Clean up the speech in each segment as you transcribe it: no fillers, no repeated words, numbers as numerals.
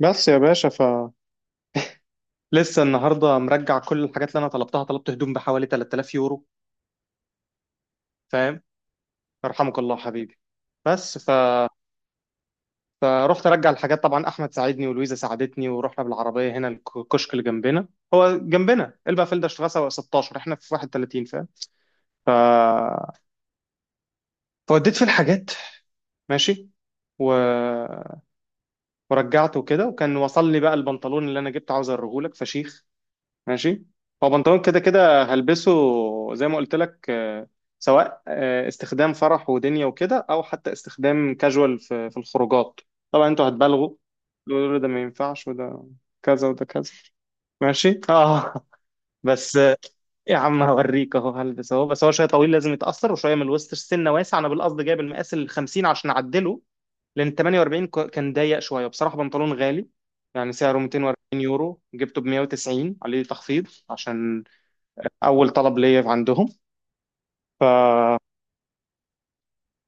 بس يا باشا، لسه النهارده مرجع كل الحاجات اللي انا طلبتها. طلبت هدوم بحوالي 3000 يورو. فاهم؟ يرحمك الله حبيبي. بس فرحت ارجع الحاجات. طبعا احمد ساعدني ولويزا ساعدتني، ورحنا بالعربيه هنا الكشك اللي جنبنا. هو جنبنا البافيل ده، شتغسه 16، احنا في 31. فاهم؟ ف فوديت في الحاجات. ماشي. و... ورجعت وكده، وكان وصل لي بقى البنطلون اللي انا جبته. عاوز اوريهولك، فشيخ. ماشي. هو بنطلون كده كده هلبسه، زي ما قلت لك. سواء استخدام فرح ودنيا وكده، او حتى استخدام كاجوال في الخروجات. طبعا انتوا هتبالغوا، تقولوا ده ما ينفعش، وده كذا وده كذا. ماشي، اه. بس يا عم هوريك اهو، هلبس اهو. بس هو شويه طويل، لازم يتاثر وشويه من الوسط. السنه واسع، انا بالقصد جايب المقاس ال 50 عشان اعدله، لان 48 كان ضيق شويه. بصراحه بنطلون غالي، يعني سعره 240 يورو، جبته ب 190، عليه تخفيض عشان اول طلب ليا عندهم. ف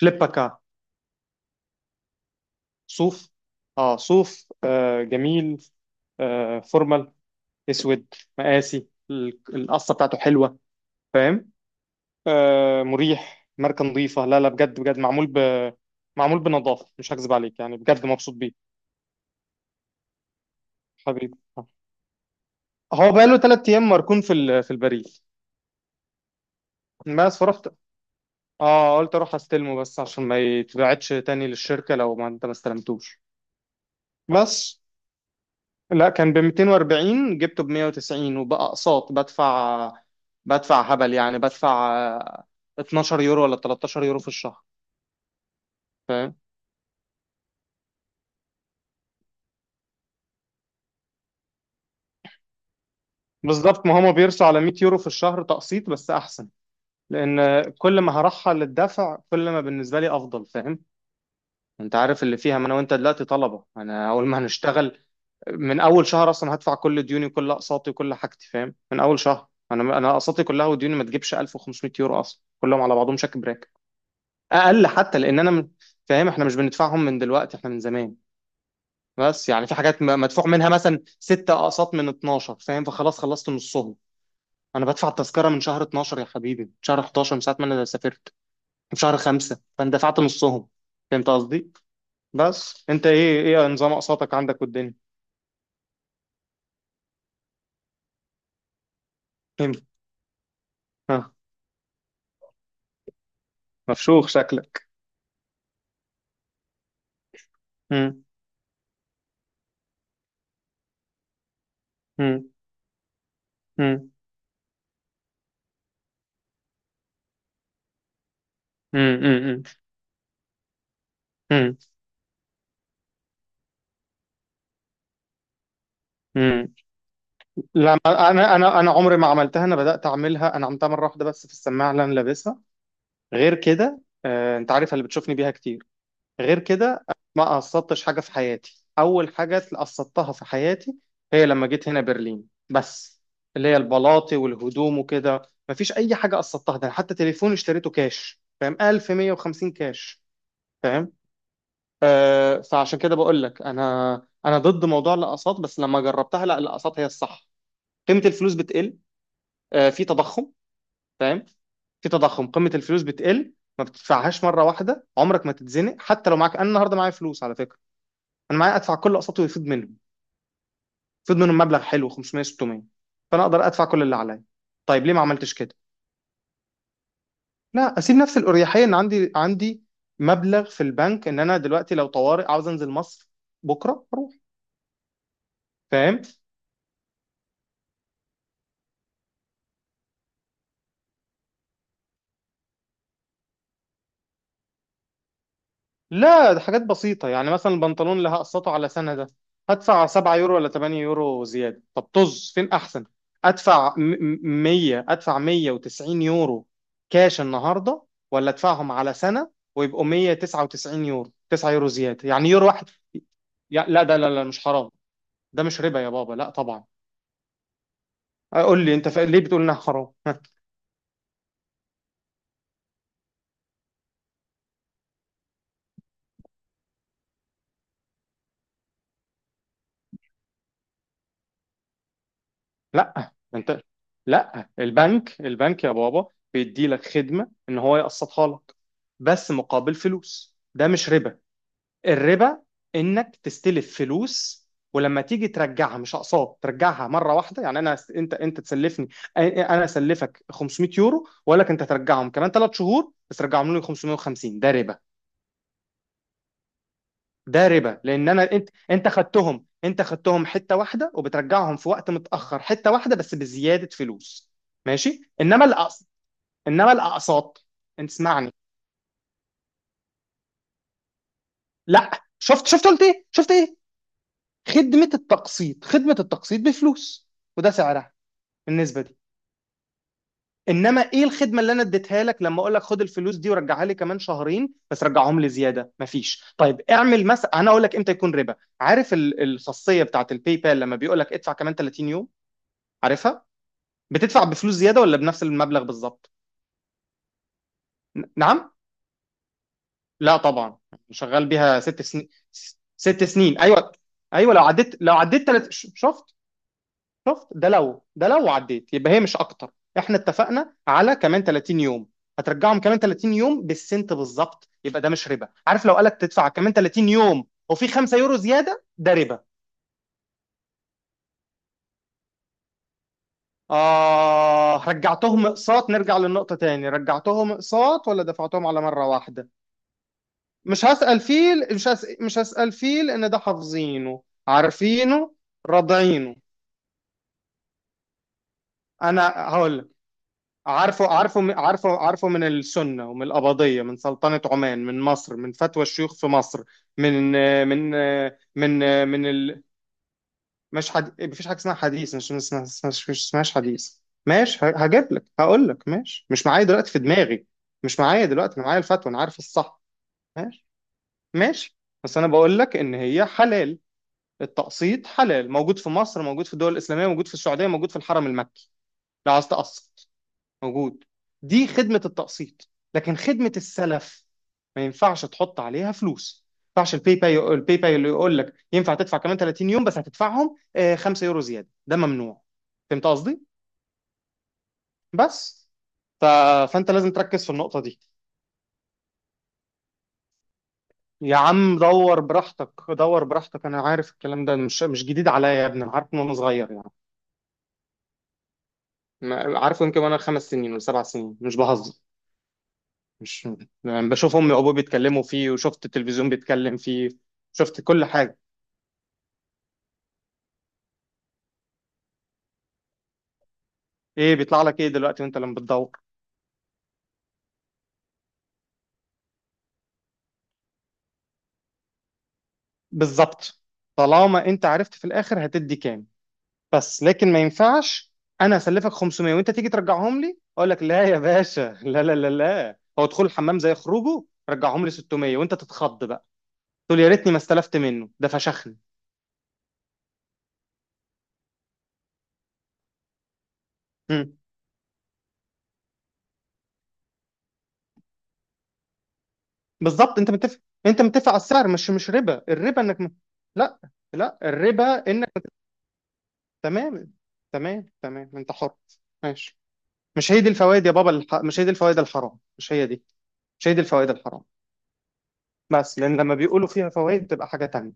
فليبكا. صوف. اه، صوف، جميل. فورمال، اسود، مقاسي. القصه بتاعته حلوه. فاهم؟ آه، مريح، ماركه نظيفه. لا لا، بجد بجد، معمول بنظافه. مش هكذب عليك، يعني بجد مبسوط بيه. حبيبي، هو بقاله ثلاث ايام مركون في في البريد. بس فرحت، اه، قلت اروح استلمه بس عشان ما يتبعتش تاني للشركه لو ما انت ما استلمتوش. بس لا، كان ب 240، جبته ب 190، وبقى اقساط بدفع هبل. يعني بدفع 12 يورو ولا 13 يورو في الشهر. فاهم؟ بالظبط، ما هما بيرسوا على 100 يورو في الشهر، تقسيط بس احسن. لان كل ما هرحل الدفع كل ما بالنسبه لي افضل. فاهم؟ انت عارف اللي فيها، ما انا وانت دلوقتي طلبه. انا اول ما هنشتغل من اول شهر اصلا هدفع كل ديوني وكل اقساطي وكل حاجتي. فاهم؟ من اول شهر، انا اقساطي كلها وديوني ما تجيبش 1500 يورو اصلا كلهم على بعضهم. شكل اقل حتى لان انا فاهم؟ احنا مش بندفعهم من دلوقتي، احنا من زمان. بس يعني في حاجات مدفوع منها، مثلا ستة اقساط من 12. فاهم؟ فخلاص، خلصت نصهم. انا بدفع التذكره من شهر 12 يا حبيبي، من شهر 11، من ساعه ما انا سافرت، من شهر 5. فانا دفعت نصهم، فهمت قصدي؟ بس انت ايه، ايه نظام اقساطك عندك والدنيا؟ فهمت. ها، مفشوخ شكلك. مم. مم. مم. مم. مم. مم. مم. لا، انا عمري ما عملتها. انا بدات اعملها، انا عملتها مره واحده بس في السماعه اللي انا لابسها. غير كده، انت عارف اللي بتشوفني بيها كتير. غير كده ما قصدتش حاجه في حياتي. اول حاجه قصدتها في حياتي هي لما جيت هنا برلين بس، اللي هي البلاطي والهدوم وكده. مفيش اي حاجه قصدتها، ده أنا حتى تليفون اشتريته كاش، فاهم؟ 1150 كاش. فاهم؟ آه. فعشان كده بقول لك، انا انا ضد موضوع الاقساط. بس لما جربتها، لا، الاقساط هي الصح. قيمه الفلوس بتقل، آه، في تضخم. فاهم؟ في تضخم، قيمه الفلوس بتقل، ما بتدفعهاش مره واحده، عمرك ما تتزنق. حتى لو معاك، انا النهارده معايا فلوس على فكره. انا معايا ادفع كل اقساطي ويفيض منهم، يفيض منهم مبلغ حلو، 500، 600. فانا اقدر ادفع كل اللي عليا. طيب ليه ما عملتش كده؟ لا، اسيب نفس الاريحيه ان عندي مبلغ في البنك، ان انا دلوقتي لو طوارئ عاوز انزل مصر بكره اروح. فاهم؟ لا، ده حاجات بسيطة. يعني مثلا البنطلون اللي هقسطه على سنة ده، هدفع 7 يورو ولا 8 يورو زيادة. طب طز، فين أحسن؟ أدفع 100، أدفع 190 يورو كاش النهاردة، ولا أدفعهم على سنة ويبقوا 199 يورو، 9 يورو زيادة، يعني يورو واحد. لا ده، لا لا، مش حرام. ده مش ربا يا بابا، لا طبعا. قول لي أنت، ليه بتقول إنها حرام؟ لا انت، لا، البنك يا بابا بيدي لك خدمة ان هو يقسطها لك بس مقابل فلوس، ده مش ربا. الربا انك تستلف فلوس، ولما تيجي ترجعها مش اقساط، ترجعها مره واحده. يعني انا، انت تسلفني، انا اسلفك 500 يورو، واقول لك انت ترجعهم كمان ثلاث شهور بس رجعهم لي 550، ده ربا. ده ربا لان انا، انت خدتهم، حته واحده، وبترجعهم في وقت متاخر حته واحده بس بزياده فلوس. ماشي. انما الاقساط، انما الاقساط انت اسمعني. لا. شفت قلت ايه؟ شفت ايه؟ خدمه التقسيط، خدمه التقسيط بفلوس، وده سعرها، النسبه دي. انما ايه الخدمه اللي انا اديتها لك لما اقول لك خد الفلوس دي ورجعها لي كمان شهرين بس رجعهم لي زياده؟ مفيش. طيب اعمل مثلا، انا اقول لك امتى يكون ربا. عارف الخاصيه بتاعت الباي بال لما بيقول لك ادفع كمان 30 يوم، عارفها؟ بتدفع بفلوس زياده ولا بنفس المبلغ بالظبط؟ نعم. لا طبعا. شغال بيها ست سنين، ست سنين. ايوه، ايوه، لو عديت ثلاث. شفت ده، لو ده، لو عديت يبقى هي مش اكتر. احنا اتفقنا على كمان 30 يوم، هترجعهم كمان 30 يوم بالسنت بالظبط، يبقى ده مش ربا. عارف لو قالك تدفع كمان 30 يوم وفي 5 يورو زياده، ده ربا. آه، رجعتهم اقساط؟ نرجع للنقطة تاني. رجعتهم اقساط ولا دفعتهم على مرة واحدة؟ مش هسأل فيه، مش هسأل فيه، لأن ده حافظينه عارفينه راضعينه. أنا هقول لك، عارفه عارفه من السنة ومن القبضية، من سلطنة عمان، من مصر، من فتوى الشيوخ في مصر. من من من من ال... مش حد... مفيش حاجة اسمها حديث. مش اسمهاش حديث. ماشي، هجيب لك، هقول لك، ماشي. مش معايا دلوقتي في دماغي. مش معايا دلوقتي، أنا معايا الفتوى، أنا عارف الصح. ماشي، ماشي. بس أنا بقول لك إن هي حلال. التقسيط حلال، موجود في مصر، موجود في الدول الإسلامية، موجود في السعودية، موجود في الحرم المكي. لو عايز تقسط، موجود. دي خدمة التقسيط، لكن خدمة السلف ما ينفعش تحط عليها فلوس. ما ينفعش الباي باي، الباي باي اللي يقول لك ينفع تدفع كمان 30 يوم بس هتدفعهم 5 يورو زيادة، ده ممنوع. فهمت قصدي؟ بس ف... فانت لازم تركز في النقطة دي. يا عم دور براحتك، دور براحتك. انا عارف الكلام ده، مش جديد عليا يا ابني، انا عارف من وانا صغير يعني. عارفه، يمكن وانا خمس سنين ولا سبع سنين، مش بهزر. مش يعني بشوف امي وابوي بيتكلموا فيه، وشفت التلفزيون بيتكلم فيه، شفت كل حاجه. ايه بيطلع لك، ايه دلوقتي وانت لما بتدور؟ بالظبط. طالما انت عرفت في الاخر هتدي كام، بس لكن ما ينفعش انا اسلفك 500 وانت تيجي ترجعهم لي اقول لك لا يا باشا لا لا لا لا، هو دخول الحمام زي خروجه، رجعهم لي 600، وانت تتخض بقى تقول يا ريتني ما استلفت منه ده فشخني. بالظبط، انت متفق على السعر، مش ربا. الربا انك لا لا، الربا انك. تمام، تمام، تمام، انت حر. ماشي. مش هي دي الفوائد يا بابا. مش هي دي الفوائد الحرام، مش هي دي. مش هي دي الفوائد الحرام، بس لان لما بيقولوا فيها فوائد بتبقى حاجه تانية.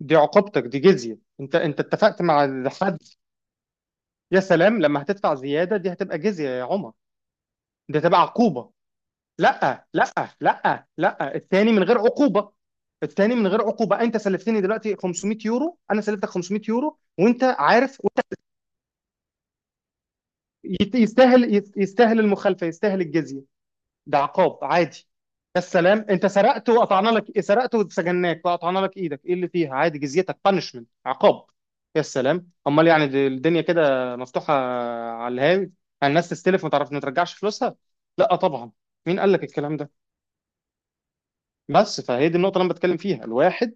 دي عقوبتك، دي جزيه، انت اتفقت مع حد. يا سلام، لما هتدفع زياده دي هتبقى جزيه يا عمر، دي هتبقى عقوبه. لا لا. لا لا، التاني من غير عقوبة، التاني من غير عقوبة. انت سلفتني دلوقتي 500 يورو، انا سلفتك 500 يورو، وانت عارف وانت. يستاهل، يستاهل المخالفة، يستاهل الجزية. ده عقاب عادي. يا السلام، انت سرقت وقطعنا لك، سرقت وسجناك وقطعنا لك ايدك، ايه اللي فيها؟ عادي، جزيتك، بانشمنت، عقاب. يا السلام، امال يعني الدنيا كده مفتوحة على الهاوي، الناس تستلف ما تعرف ما ترجعش فلوسها. لا طبعا. مين قال لك الكلام ده؟ بس فهي دي النقطة اللي أنا بتكلم فيها. الواحد،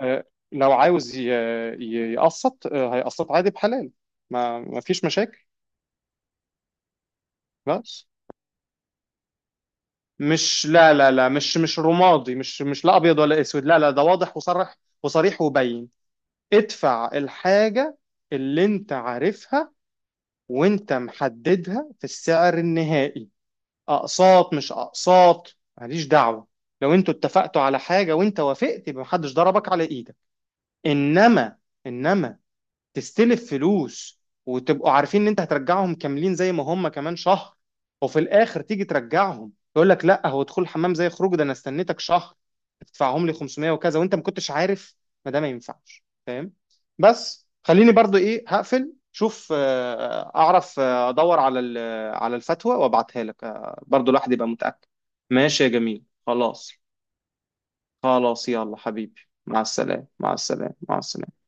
آه، لو عاوز يقسط، هيقسط عادي بحلال، ما فيش مشاكل. بس مش، لا لا لا، مش رمادي، مش لا أبيض ولا أسود. لا لا، ده واضح وصرح وصريح وبين. ادفع الحاجة اللي أنت عارفها وأنت محددها في السعر النهائي. أقساط مش أقساط، ماليش دعوة. لو أنتوا اتفقتوا على حاجة وأنت وافقت، يبقى محدش ضربك على إيدك. إنما إنما تستلف فلوس وتبقوا عارفين ان انت هترجعهم كاملين زي ما هم كمان شهر، وفي الاخر تيجي ترجعهم يقول لك لا هو دخول حمام زي خروج ده، انا استنيتك شهر تدفعهم لي 500 وكذا، وانت ما كنتش عارف، ما ده ما ينفعش. فاهم؟ بس خليني برضو ايه هقفل شوف. اعرف، ادور على على الفتوى وابعتها لك، برضو الواحد يبقى متأكد. ماشي يا جميل، خلاص خلاص. يلا حبيبي، مع السلامة، مع السلامة، مع السلامة.